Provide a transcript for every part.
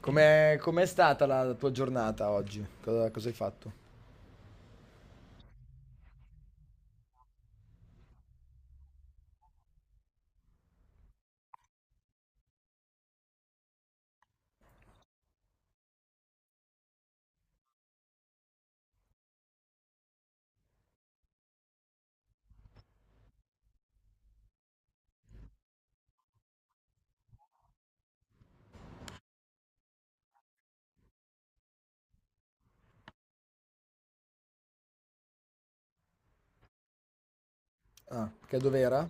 Com'è stata la tua giornata oggi? Cosa hai fatto? Ah, che dov'era?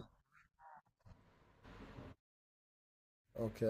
Ok.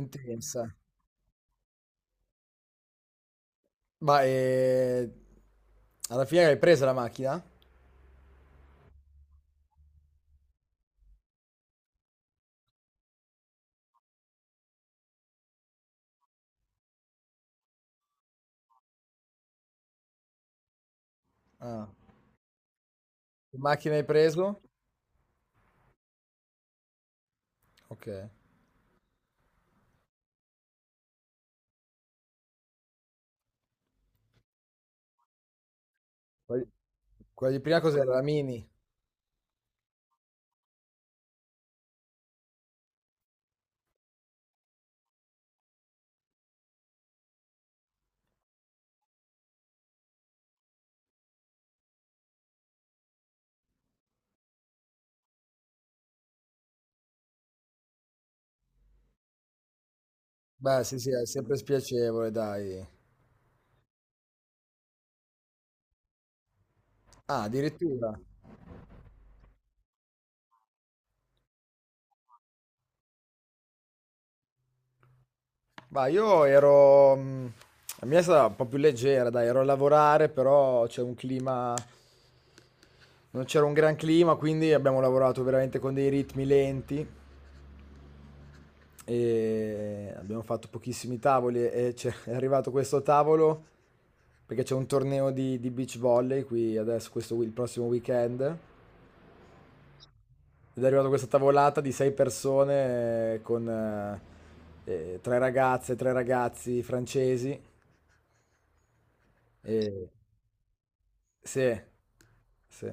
Intensa. Ma alla fine hai preso la macchina? Ah, che macchina hai preso? Ok. Quella quella di prima cos'era? La Mini? Beh, sì, sì, è sempre spiacevole, dai. Ah, addirittura. Ma io ero... La mia è stata un po' più leggera, dai, ero a lavorare, però c'è un clima... Non c'era un gran clima, quindi abbiamo lavorato veramente con dei ritmi lenti. E abbiamo fatto pochissimi tavoli e c'è- è arrivato questo tavolo perché c'è un torneo di beach volley qui adesso, questo, wi- il prossimo weekend. Ed è arrivata questa tavolata di sei persone con tre ragazze, tre ragazzi francesi. E... Sì, sì.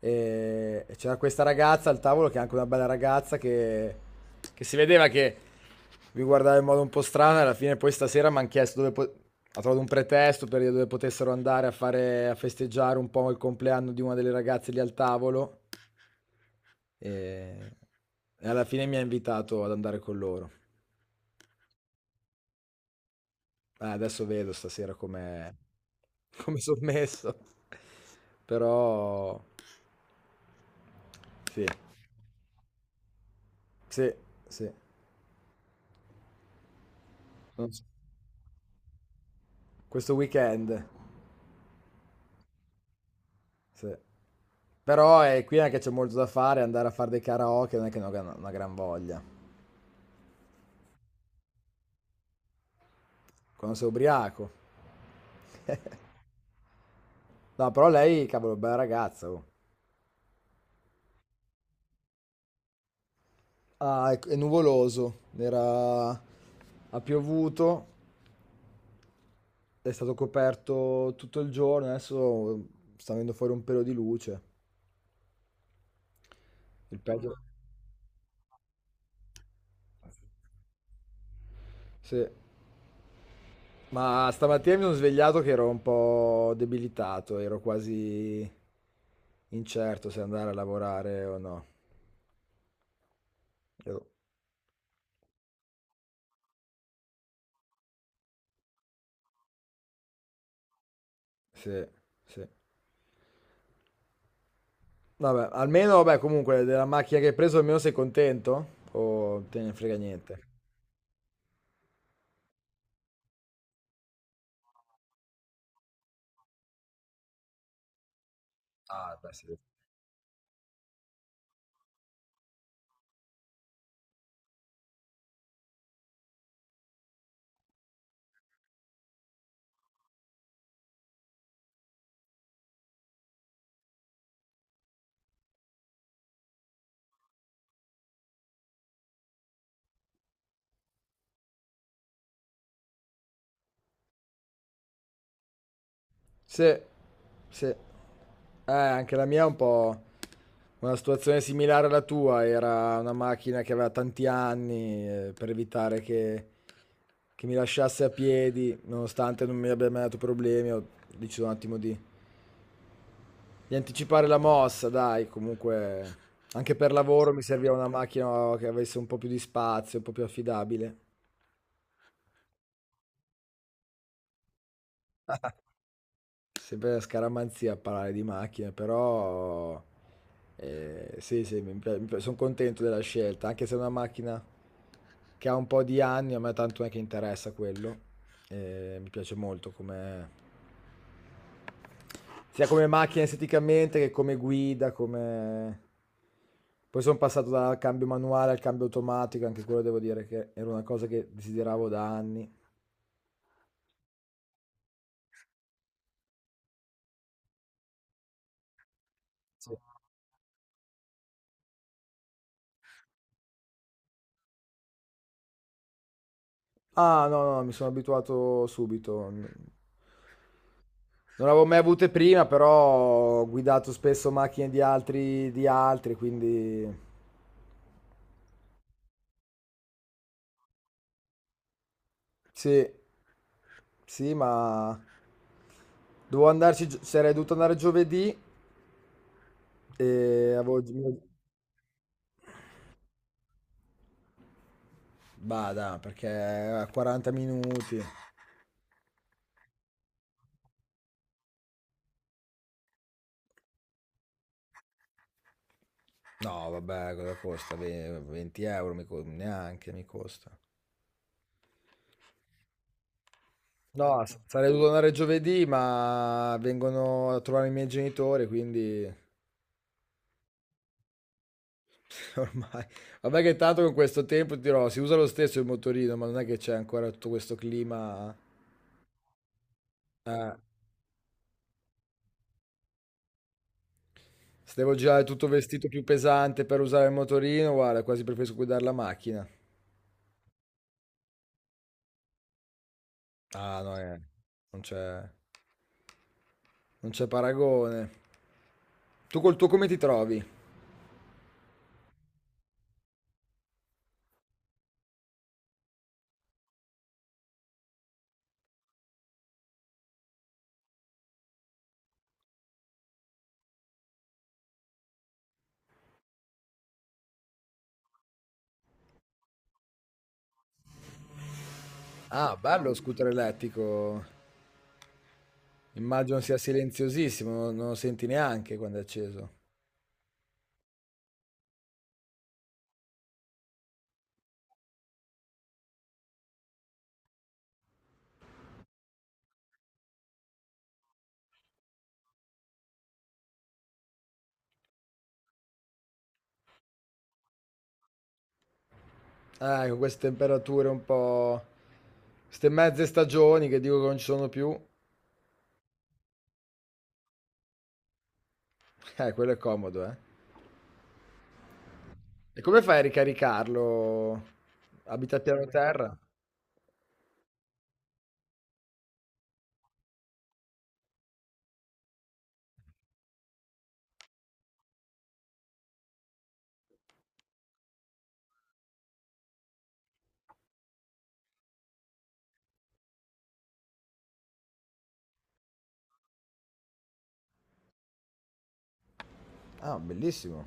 E c'era questa ragazza al tavolo, che è anche una bella ragazza, che si vedeva che vi guardava in modo un po' strano. E alla fine, poi stasera mi hanno chiesto dove po- ha trovato un pretesto per dire dove potessero andare a fare a festeggiare un po' il compleanno di una delle ragazze lì al tavolo. E, e alla fine mi ha invitato ad andare con loro. Adesso vedo stasera come sono messo. Però sì. Sì, sì. Non so. Questo weekend. Sì. Però è qui anche c'è molto da fare, andare a fare dei karaoke non è che non ho una gran voglia. Quando sei ubriaco. No, però lei, cavolo, bella ragazza. Oh. Ah, è nuvoloso. Era... Ha piovuto, è stato coperto tutto il giorno. Adesso sta venendo fuori un pelo di luce. Il peggio. Sì. Ma stamattina mi sono svegliato che ero un po' debilitato, ero quasi incerto se andare a lavorare o no. Ero- Sì, sì. Vabbè, almeno, vabbè, comunque, della macchina che hai preso almeno sei contento? O te ne frega niente? Ah, beh, sì. Sì, sì. Anche la mia è un po' una situazione similare alla tua, era una macchina che aveva tanti anni, per evitare che mi lasciasse a piedi, nonostante non mi abbia mai dato problemi, ho deciso un attimo di anticipare la mossa, dai, comunque anche per lavoro mi serviva una macchina che avesse un po' più di spazio, un po' più affidabile. Sempre la scaramanzia a parlare di macchine, però sì, sì, mi pi- sono contento della scelta, anche se è una macchina che ha un po' di anni, a me tanto non è che interessa quello, mi piace molto come sia come macchina esteticamente che come guida, come... Poi sono passato dal cambio manuale al cambio automatico, anche quello devo dire che era una cosa che desideravo da anni. Sì. Ah, no, no, mi sono abituato subito. Non avevo mai avute prima, però ho guidato spesso macchine di altri, quindi sì, sì, ma dovevo andarci, gio- sarei dovuto andare giovedì e avevo... Bada, perché a 40 minuti. No, vabbè, cosa costa? Ve- 20 € mi co- neanche mi costa. No, s- sarei dovuto andare giovedì, ma vengono a trovare i miei genitori, quindi ormai. Vabbè che tanto con questo tempo ti dirò, si usa lo stesso il motorino, ma non è che c'è ancora tutto questo clima. Eh, se devo girare tutto vestito più pesante per usare il motorino, guarda, quasi preferisco guidare la macchina. Ah, no, non c'è non c'è paragone. Tu col tuo come ti trovi? Ah, bello lo scooter elettrico. Immagino sia silenziosissimo, non lo senti neanche quando è acceso. Con queste temperature un po'... Queste mezze stagioni che dico che non ci sono più. Quello è comodo, eh. E come fai a ricaricarlo? Abita a piano terra? Ah, bellissimo.